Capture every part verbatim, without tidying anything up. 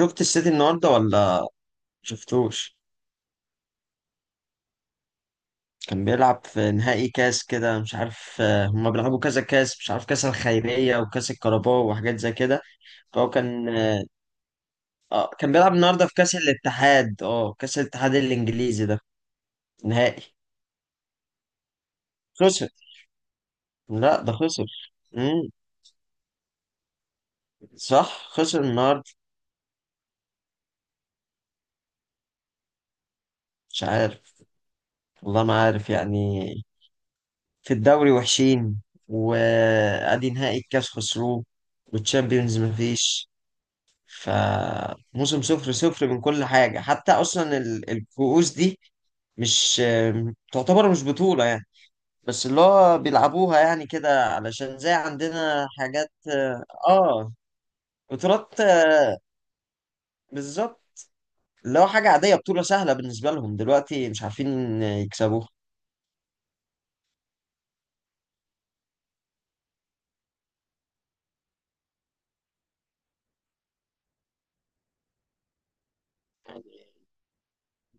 شفت السيتي النهارده؟ ولا شفتوش؟ كان بيلعب في نهائي كاس كده مش عارف، آه، هما بيلعبوا كذا كاس، مش عارف كاس الخيرية وكاس الكاراباو وحاجات زي كده. فهو كان، آه آه، كان بيلعب النهارده في كاس الاتحاد، اه كاس الاتحاد الانجليزي ده. نهائي. خسر. لا ده خسر. امم صح، خسر النهارده. مش عارف، والله ما عارف يعني. في الدوري وحشين، وادي نهائي الكاس خسروه، والتشامبيونز مفيش. فموسم صفر صفر من كل حاجة. حتى أصلا ال- الكؤوس دي مش تعتبر مش بطولة يعني، بس اللي هو بيلعبوها يعني كده علشان زي عندنا حاجات. اه بطولات. بالظبط. اللي هو حاجة عادية، بطولة سهلة بالنسبة لهم، دلوقتي مش عارفين يكسبوها.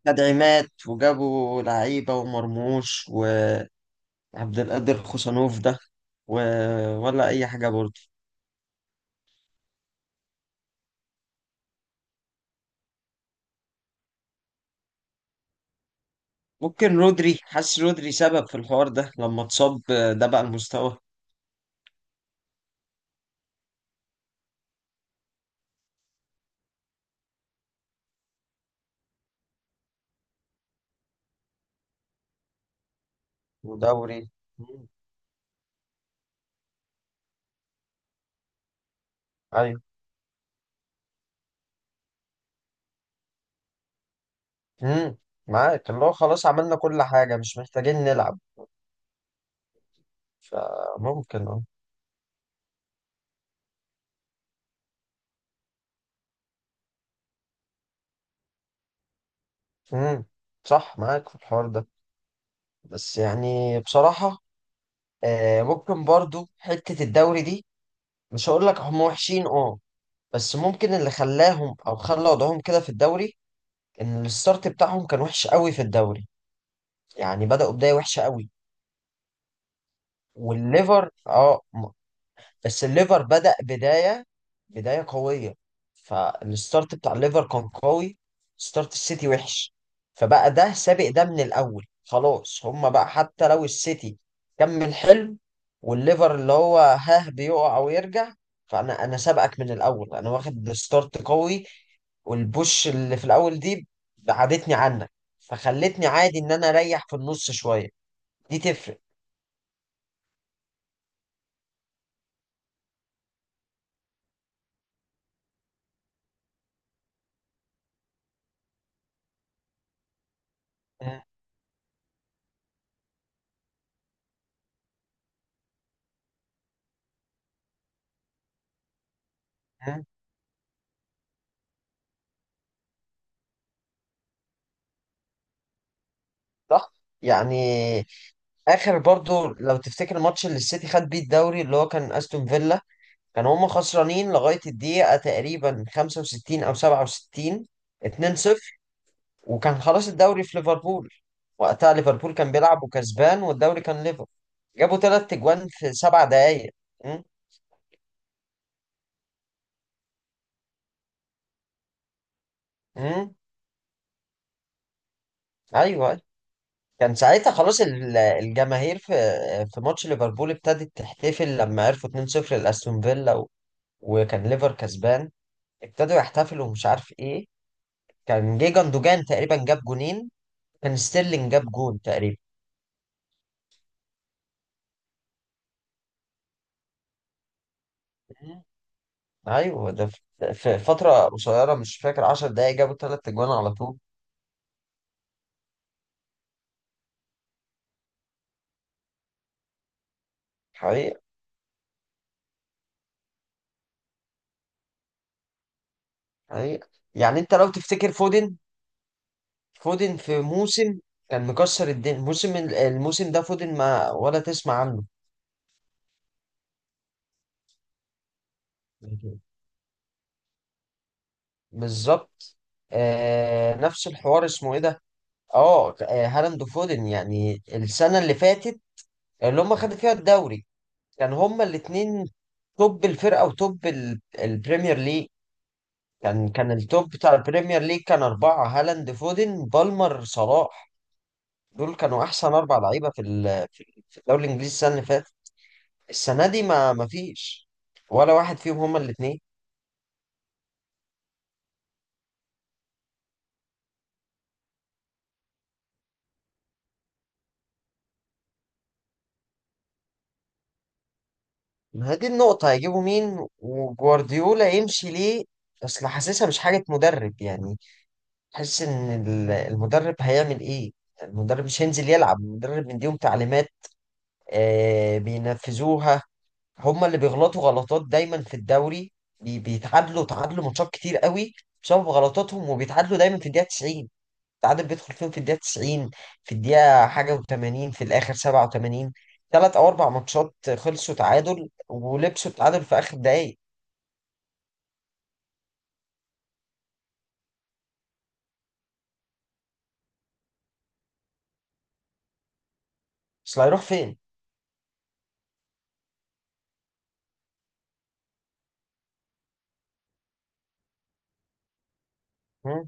تدعيمات وجابوا لعيبة، ومرموش، وعبد القادر خوسانوف ده و... ولا أي حاجة برضه. ممكن رودري، حاسس رودري سبب في الحوار ده لما اتصاب، آه، ده بقى المستوى. ودوري. مم. ايوه. مم. معاك، اللي هو خلاص عملنا كل حاجة، مش محتاجين نلعب. فممكن اه مم. صح، معاك في الحوار ده. بس يعني بصراحة، آه ممكن برضو حتة الدوري دي، مش هقول لك هم وحشين اه بس ممكن اللي خلاهم او خلى وضعهم كده في الدوري، ان الستارت بتاعهم كان وحش قوي في الدوري. يعني بدأوا بداية وحشة قوي. والليفر اه بس الليفر بدأ بداية بداية قوية. فالستارت بتاع الليفر كان قوي، ستارت السيتي وحش. فبقى ده سابق ده من الأول. خلاص، هما بقى حتى لو السيتي كمل حلو، والليفر اللي هو هاه بيقع ويرجع، فأنا أنا سابقك من الأول، أنا واخد ستارت قوي. والبوش اللي في الأول دي بعدتني عنك، فخلتني عادي إن أنا أريح في النص شوية. دي تفرق. م- م- صح يعني. اخر برضو لو تفتكر الماتش اللي السيتي خد بيه الدوري، اللي هو كان استون فيلا، كان هم خسرانين لغايه الدقيقه تقريبا خمسة وستين او سبعة وستين، اتنين صفر، وكان خلاص الدوري في ليفربول. وقتها ليفربول كان بيلعب وكسبان والدوري كان ليفر. جابوا ثلاث تجوان في سبع دقائق. امم امم ايوه. أيوة. كان ساعتها خلاص ال- الجماهير في في ماتش ليفربول ابتدت تحتفل لما عرفوا اتنين صفر لاستون فيلا و- وكان ليفر كسبان، ابتدوا يحتفلوا ومش عارف ايه. كان جه جندوجان تقريبا جاب جونين، كان ستيرلينج جاب جون تقريبا. مم. ايوه، ده في في فتره قصيره مش فاكر 10 دقايق جابوا ثلاث اجوان على طول. حقيقه حقيقه يعني انت لو تفتكر فودن، فودن في موسم كان مكسر الدنيا. الموسم الموسم ده فودن ما ولا تسمع عنه. بالظبط. آه نفس الحوار، اسمه ايه ده، اه آه، هالاند وفودن يعني السنه اللي فاتت اللي هم خدوا فيها الدوري، كان هما الاتنين توب الفرقة وتوب ال- البريمير ليج. كان كان التوب بتاع البريمير ليج كان أربعة: هالاند، فودن، بالمر، صلاح. دول كانوا أحسن أربع لعيبة في ال- في في الدوري الإنجليزي السنة اللي فاتت. السنة دي ما ما فيش ولا واحد فيهم، هما الاتنين. ما هي دي النقطة، هيجيبوا مين؟ وجوارديولا يمشي ليه؟ أصل حاسسها مش حاجة مدرب يعني. حاسس إن ال- المدرب هيعمل إيه؟ المدرب مش هينزل يلعب، المدرب مديهم تعليمات، آه بينفذوها. هما اللي بيغلطوا غلطات دايما في الدوري. بي- بيتعادلوا، تعادلوا ماتشات كتير قوي بسبب غلطاتهم، وبيتعادلوا دايما في الدقيقة تسعين. التعادل بيدخل فيهم في الدقيقة تسعين، في الدقيقة حاجة و80، في الآخر سبعة وتمانين. ثلاث أو أربع ماتشات خلصوا تعادل ولبسوا التعادل في آخر دقايق. بس هيروح فين؟ مم.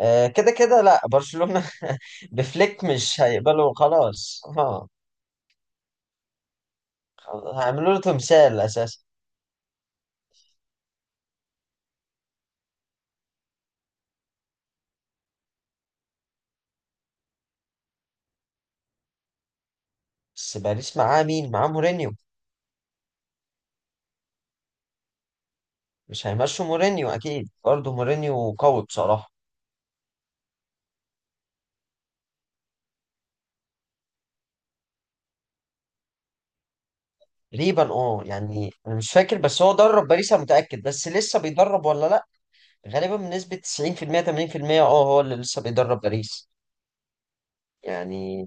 آه كده كده، لا برشلونة بفليك مش هيقبلوا خلاص اه هيعملوا له تمثال أساسا. بس باريس معاه مين؟ معاه مورينيو، مش هيمشوا مورينيو اكيد برضه، مورينيو قوي بصراحه. تقريبا اه يعني انا مش فاكر، بس هو درب باريس انا متاكد، بس لسه بيدرب ولا لا؟ غالبا بنسبه تسعين في المية ثمانين في المية، اه هو اللي لسه بيدرب باريس يعني.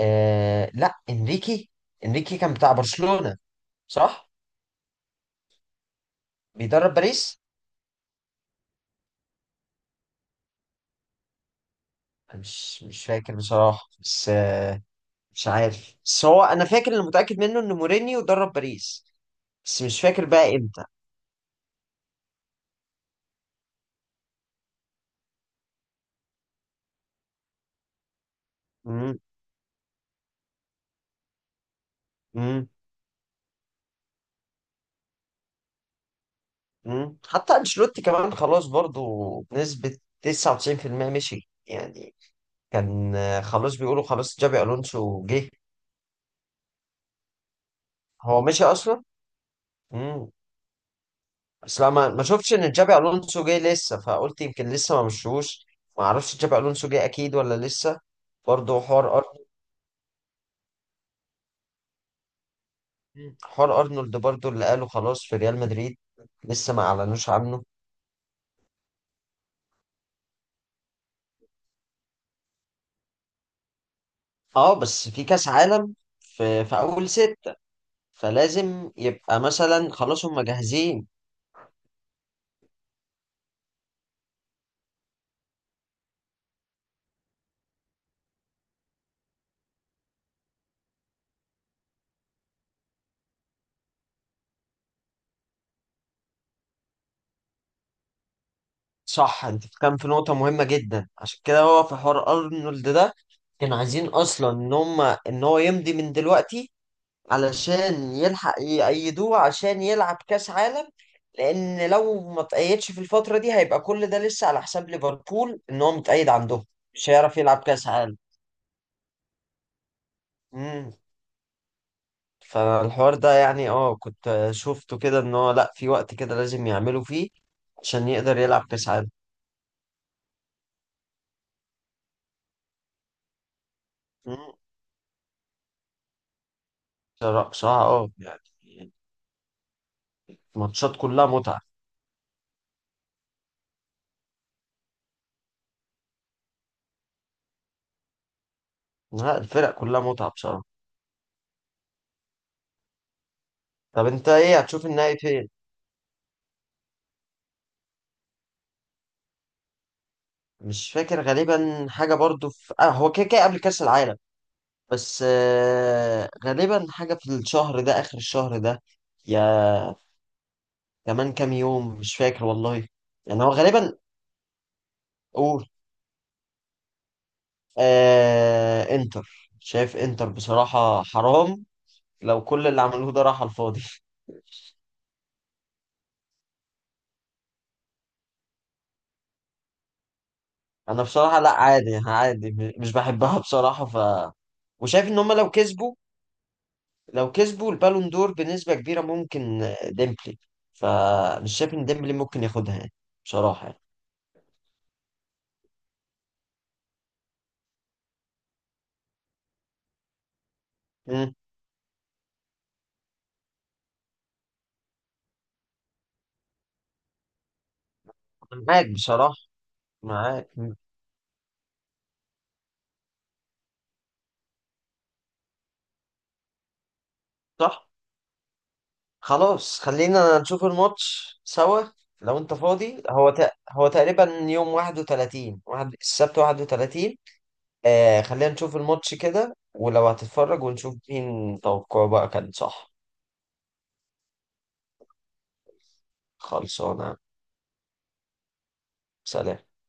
آه لا، انريكي. انريكي كان بتاع برشلونه، صح. بيدرب باريس. أنا مش مش فاكر بصراحه، بس آه مش عارف، بس هو انا فاكر اللي متاكد منه ان مورينيو درب باريس، بس مش فاكر بقى امتى. مم. مم. مم. حتى انشيلوتي كمان خلاص برضو بنسبة تسعه وتسعين في المية مشي يعني. كان، آه، خلاص بيقولوا خلاص جابي الونسو جه. هو مشي اصلا. امم بس لا ما ما شفتش ان جابي الونسو جه لسه، فقلت يمكن لسه ما مشوش، ما اعرفش جابي الونسو جه اكيد ولا لسه. برضو حوار ارنولد، حوار ارنولد برضو اللي قالوا خلاص في ريال مدريد لسه ما اعلنوش عنه. اه بس في كاس عالم، في في اول ستة، فلازم يبقى مثلا خلاص هم جاهزين. صح، انت كان في نقطة مهمة جدا. عشان كده هو في حوار ارنولد ده، كانوا عايزين اصلا ان هم ان هو يمضي من دلوقتي علشان يلحق يأيدوه عشان يلعب كاس عالم، لان لو ما تأيدش في الفترة دي هيبقى كل ده لسه على حساب ليفربول ان هو متأيد عندهم. مش هيعرف يلعب كاس عالم. امم فالحوار ده يعني اه كنت شفته كده ان هو لا، في وقت كده لازم يعملوا فيه عشان يقدر يلعب كاس عالم. امم بصراحة اه يعني ماتشات كلها متعة. لا، الفرق كلها متعة بصراحة. طب انت ايه؟ هتشوف النهائي فين؟ مش فاكر، غالبا حاجة برضو في، اه هو كده كده قبل كأس العالم، بس آه غالبا حاجة في الشهر ده، آخر الشهر ده، يا كمان كام يوم، مش فاكر والله. يعني هو غالبا. قول. آه، انتر. شايف انتر بصراحة، حرام لو كل اللي عملوه ده راح على الفاضي. انا بصراحة لا، عادي عادي، مش بحبها بصراحة ف وشايف ان هم لو كسبوا لو كسبوا البالون دور بنسبة كبيرة ممكن، آه، ديمبلي. فمش شايف ان ديمبلي ممكن ياخدها يعني، بصراحة يعني. مم. معاك بصراحة، معاك. مم. صح. خلاص خلينا نشوف الماتش سوا لو انت فاضي. هو ت... هو تقريبا يوم واحد وثلاثين واحد، السبت واحد وثلاثين. آه، خلينا نشوف الماتش كده ولو هتتفرج، ونشوف مين توقعه بقى كان صح. خلصانة. سلام.